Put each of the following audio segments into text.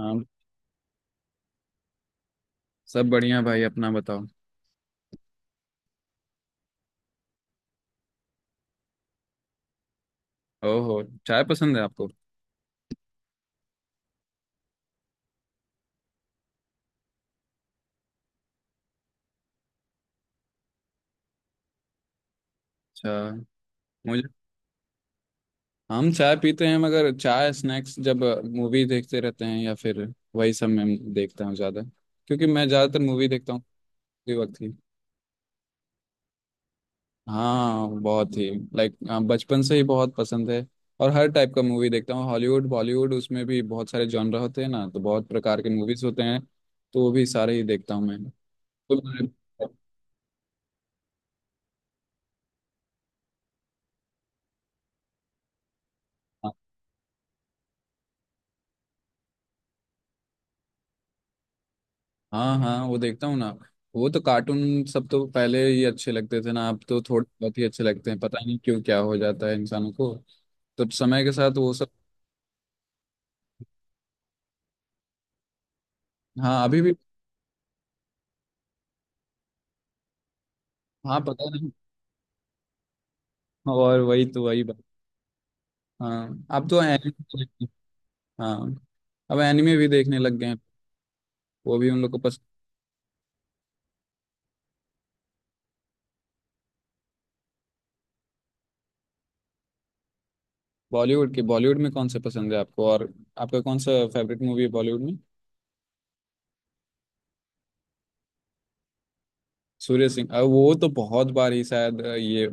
हाँ। सब बढ़िया भाई, अपना बताओ। ओहो, चाय पसंद है आपको? अच्छा। मुझे, हम चाय पीते हैं मगर चाय स्नैक्स जब मूवी देखते रहते हैं या फिर वही सब, मैं देखता हूँ ज़्यादा, क्योंकि मैं ज़्यादातर मूवी देखता हूँ उसी वक्त ही। हाँ बहुत ही। लाइक हाँ, बचपन से ही बहुत पसंद है। और हर टाइप का मूवी देखता हूँ, हॉलीवुड बॉलीवुड, उसमें भी बहुत सारे जॉनर होते हैं ना, तो बहुत प्रकार के मूवीज होते हैं, तो वो भी सारे ही देखता हूँ मैं तो। हाँ हाँ, वो देखता हूँ ना। वो तो कार्टून सब तो पहले ही अच्छे लगते थे ना, अब तो थोड़े बहुत ही अच्छे लगते हैं, पता नहीं क्यों, क्या हो जाता है इंसानों को, तो समय के साथ वो सब। हाँ अभी भी। हाँ पता नहीं। और वही तो, वही बात। हाँ अब तो एनिमे। हाँ, अब एनिमे भी देखने लग गए हैं, वो भी उन लोग को पसंद। बॉलीवुड के, बॉलीवुड में कौन से पसंद है आपको? और आपका कौन सा फेवरेट मूवी है बॉलीवुड में? सूर्य सिंह, अब वो तो बहुत बार ही शायद ये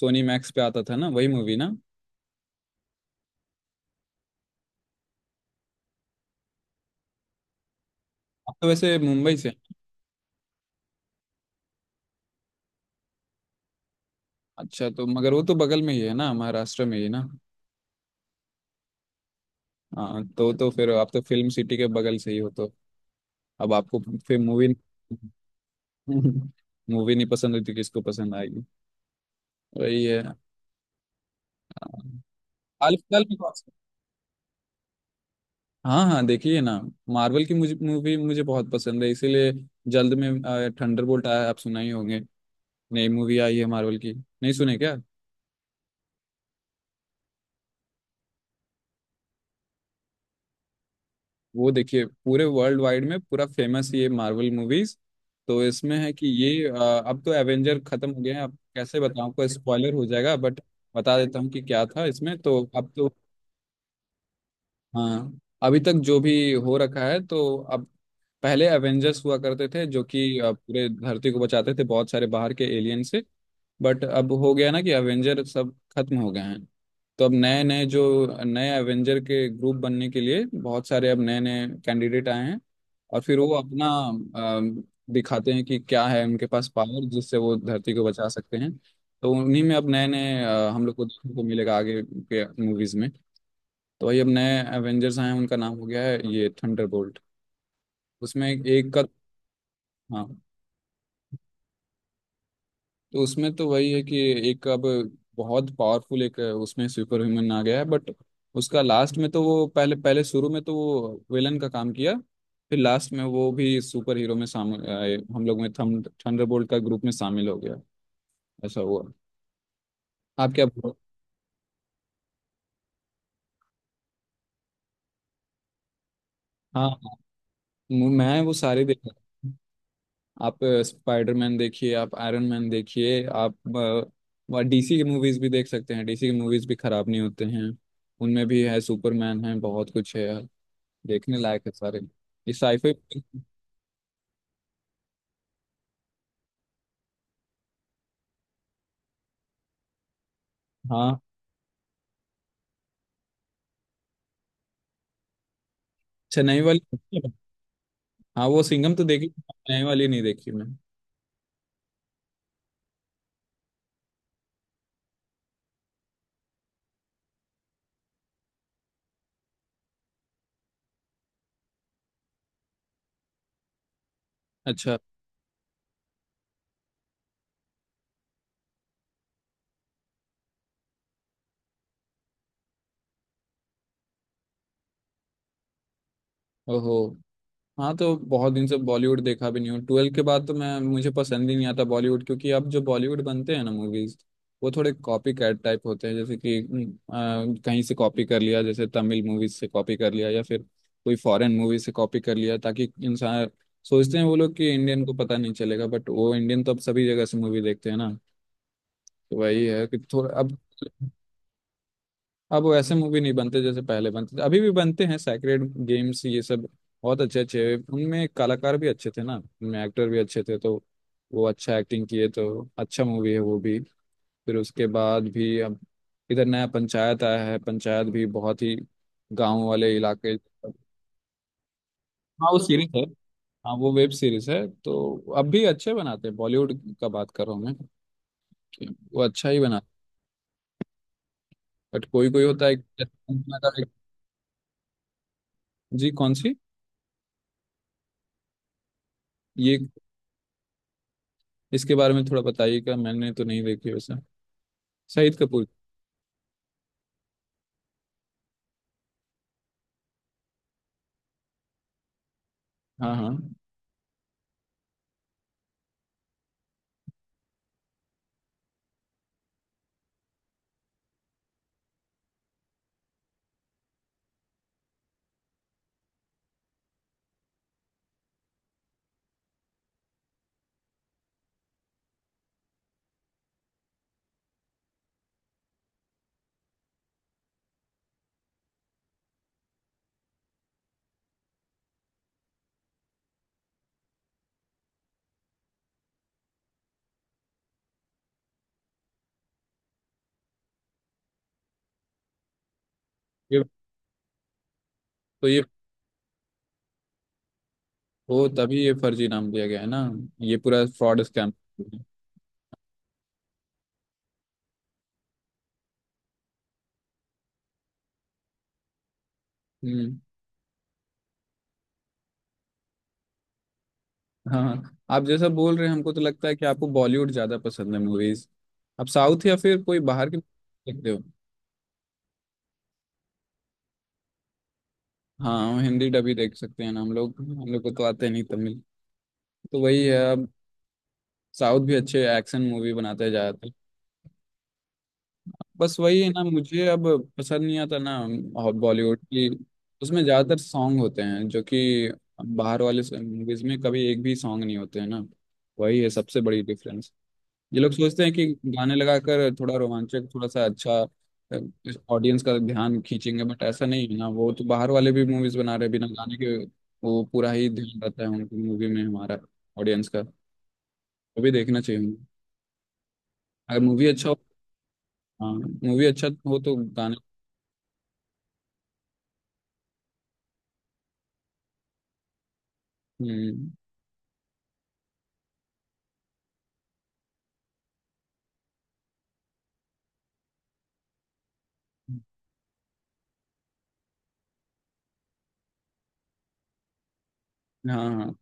सोनी मैक्स पे आता था ना, वही मूवी ना। आप तो वैसे मुंबई से? अच्छा, तो मगर वो तो बगल में ही है ना, महाराष्ट्र में ही ना। हाँ तो, फिर आप तो फिल्म सिटी के बगल से ही हो, तो अब आपको फिर मूवी, मूवी नहीं पसंद होती, किसको पसंद आएगी? वही है। हाल फिलहाल में कौन सा? हाँ हाँ, देखिए ना, मार्वल की मुझे मूवी, मुझे बहुत पसंद है, इसीलिए जल्द में थंडरबोल्ट आया, आप सुना ही होंगे। नई मूवी आई है मार्वल की, नहीं सुने क्या? वो देखिए, पूरे वर्ल्ड वाइड में पूरा फेमस ये मार्वल मूवीज, तो इसमें है कि ये अब तो एवेंजर खत्म हो गए हैं, अब कैसे बताऊं आपको, स्पॉइलर हो जाएगा, बट बता देता हूँ कि क्या था इसमें, तो अब तो। हाँ अभी तक जो भी हो रखा है तो, अब पहले एवेंजर्स हुआ करते थे जो कि पूरे धरती को बचाते थे बहुत सारे बाहर के एलियन से, बट अब हो गया ना कि एवेंजर सब खत्म हो गए हैं, तो अब नए नए जो, नए एवेंजर के ग्रुप बनने के लिए बहुत सारे अब नए नए कैंडिडेट आए हैं, और फिर वो अपना अम, दिखाते हैं कि क्या है उनके पास पावर, जिससे वो धरती को बचा सकते हैं। तो उन्हीं में अब नए नए हम लोग को देखने को मिलेगा आगे के मूवीज में, तो वही अब नए एवेंजर्स आए हैं, उनका नाम हो गया है ये थंडरबोल्ट। उसमें एक का, हाँ, तो उसमें तो वही है कि एक अब बहुत पावरफुल एक उसमें सुपर ह्यूमन आ गया है, बट उसका लास्ट में तो, वो पहले पहले शुरू में तो वो विलन का काम किया, फिर लास्ट में वो भी सुपर हीरो में शामिल आए, हम लोग में थम थंडरबोल्ट का ग्रुप में शामिल हो गया, ऐसा हुआ। आप क्या? हाँ हाँ, मैं वो सारे देख, आप स्पाइडरमैन देखिए, आप आयरन मैन देखिए, आप डीसी की मूवीज भी देख सकते हैं, डीसी की मूवीज भी खराब नहीं होते हैं, उनमें भी है, सुपरमैन है, बहुत कुछ है, देखने लायक है सारे, ये साईफाई। हाँ, चेन्नई वाली। हाँ वो सिंघम तो देखी, चेन्नई वाली नहीं देखी मैं। अच्छा। ओहो। हाँ, तो बहुत दिन से बॉलीवुड देखा भी नहीं हूँ, 12 के बाद तो मैं, मुझे पसंद ही नहीं आता बॉलीवुड, क्योंकि अब जो बॉलीवुड बनते हैं ना मूवीज, वो थोड़े कॉपी कैट टाइप होते हैं, जैसे कि कहीं से कॉपी कर लिया, जैसे तमिल मूवीज से कॉपी कर लिया या फिर कोई फॉरेन मूवी से कॉपी कर लिया, ताकि इंसान सोचते हैं वो लोग कि इंडियन को पता नहीं चलेगा, बट वो इंडियन तो अब सभी जगह से मूवी देखते हैं ना, तो वही है कि थोड़ा अब वो ऐसे मूवी नहीं बनते जैसे पहले बनते थे। अभी भी बनते हैं, सैक्रेड गेम्स ये सब बहुत अच्छे अच्छे, उनमें कलाकार भी अच्छे थे ना, उनमें एक्टर भी अच्छे थे, तो वो अच्छा एक्टिंग किए, तो अच्छा मूवी है वो भी। फिर उसके बाद भी अब इधर नया पंचायत आया है, पंचायत भी बहुत ही गांव वाले इलाके। हाँ वो सीरीज है। हाँ वो वेब सीरीज है, तो अब भी अच्छे बनाते हैं बॉलीवुड का, बात कर रहा हूँ मैं कि वो अच्छा ही बना, बट कोई कोई होता है। जी कौन सी? ये, इसके बारे में थोड़ा बताइएगा, मैंने तो नहीं देखी वैसे। शाहिद कपूर? हाँ हाँ। ये तो, ये वो तभी ये फर्जी नाम दिया गया है ना, ये पूरा फ्रॉड स्कैम। हम्म। हाँ हाँ, आप जैसा बोल रहे हैं हमको तो लगता है कि आपको बॉलीवुड ज्यादा पसंद है मूवीज। आप साउथ या फिर कोई बाहर की देखते हो? हाँ, हम हिंदी डब ही देख सकते हैं ना, हम लोग, हम लोग को तो आते नहीं तमिल, तो वही है अब। साउथ भी अच्छे एक्शन मूवी बनाते जाते, बस वही है ना मुझे, अब पसंद नहीं आता ना बॉलीवुड की, उसमें ज़्यादातर सॉन्ग होते हैं जो कि बाहर वाले मूवीज में कभी एक भी सॉन्ग नहीं होते हैं ना, वही है सबसे बड़ी डिफरेंस। ये लोग सोचते हैं कि गाने लगाकर थोड़ा रोमांचक, थोड़ा सा अच्छा ऑडियंस का ध्यान खींचेंगे, बट ऐसा नहीं है ना, वो तो बाहर वाले भी मूवीज बना रहे हैं बिना गाने के, वो पूरा ही ध्यान रहता है उनकी मूवी में, हमारा ऑडियंस का वो भी देखना चाहिए हमें। अगर मूवी अच्छा हो। हाँ मूवी अच्छा हो तो गाने। हम्म। हाँ, हाँ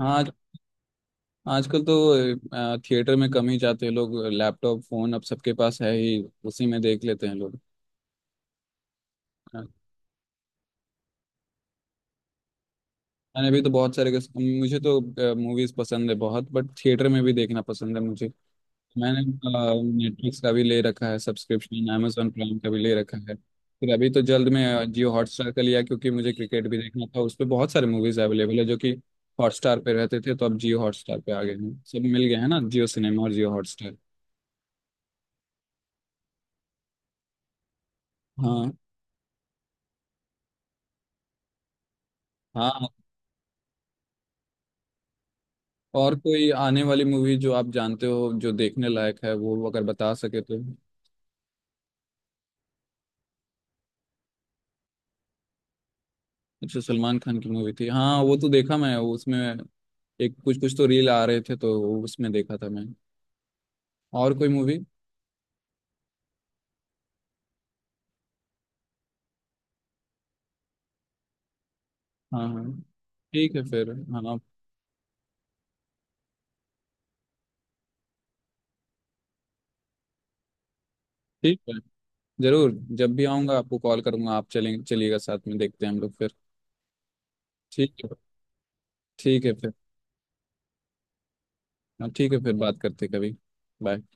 हाँ, आज, आजकल तो थिएटर में कम ही जाते हैं लोग, लैपटॉप फोन अब सबके पास है ही, उसी में देख लेते हैं लोग। हाँ, मैंने भी तो बहुत सारे मुझे तो मूवीज पसंद है बहुत, बट थिएटर में भी देखना पसंद है मुझे। मैंने नेटफ्लिक्स का भी ले रखा है सब्सक्रिप्शन, amazon प्राइम का भी ले रखा है, फिर अभी तो जल्द में जियो हॉटस्टार का लिया, क्योंकि मुझे क्रिकेट भी देखना था, उस पर बहुत सारे मूवीज अवेलेबल है जो कि हॉटस्टार पे रहते थे, तो अब जियो हॉटस्टार पे आ गए हैं, सब मिल गए हैं ना, जियो सिनेमा और जियो हॉटस्टार। हाँ हाँ, और कोई आने वाली मूवी जो आप जानते हो, जो देखने लायक है, वो अगर बता सके तो। अच्छा, सलमान खान की मूवी थी, हाँ वो तो देखा मैं, वो उसमें एक कुछ कुछ तो रील आ रहे थे, तो वो उसमें देखा था मैं। और कोई मूवी? हाँ हाँ। ठीक है, फिर हाँ, ठीक है, जरूर, जब भी आऊँगा आपको कॉल करूँगा, आप चलें चलिएगा साथ में, देखते हैं हम लोग फिर। ठीक है। ठीक है फिर। हाँ ठीक है, फिर बात करते हैं कभी। बाय।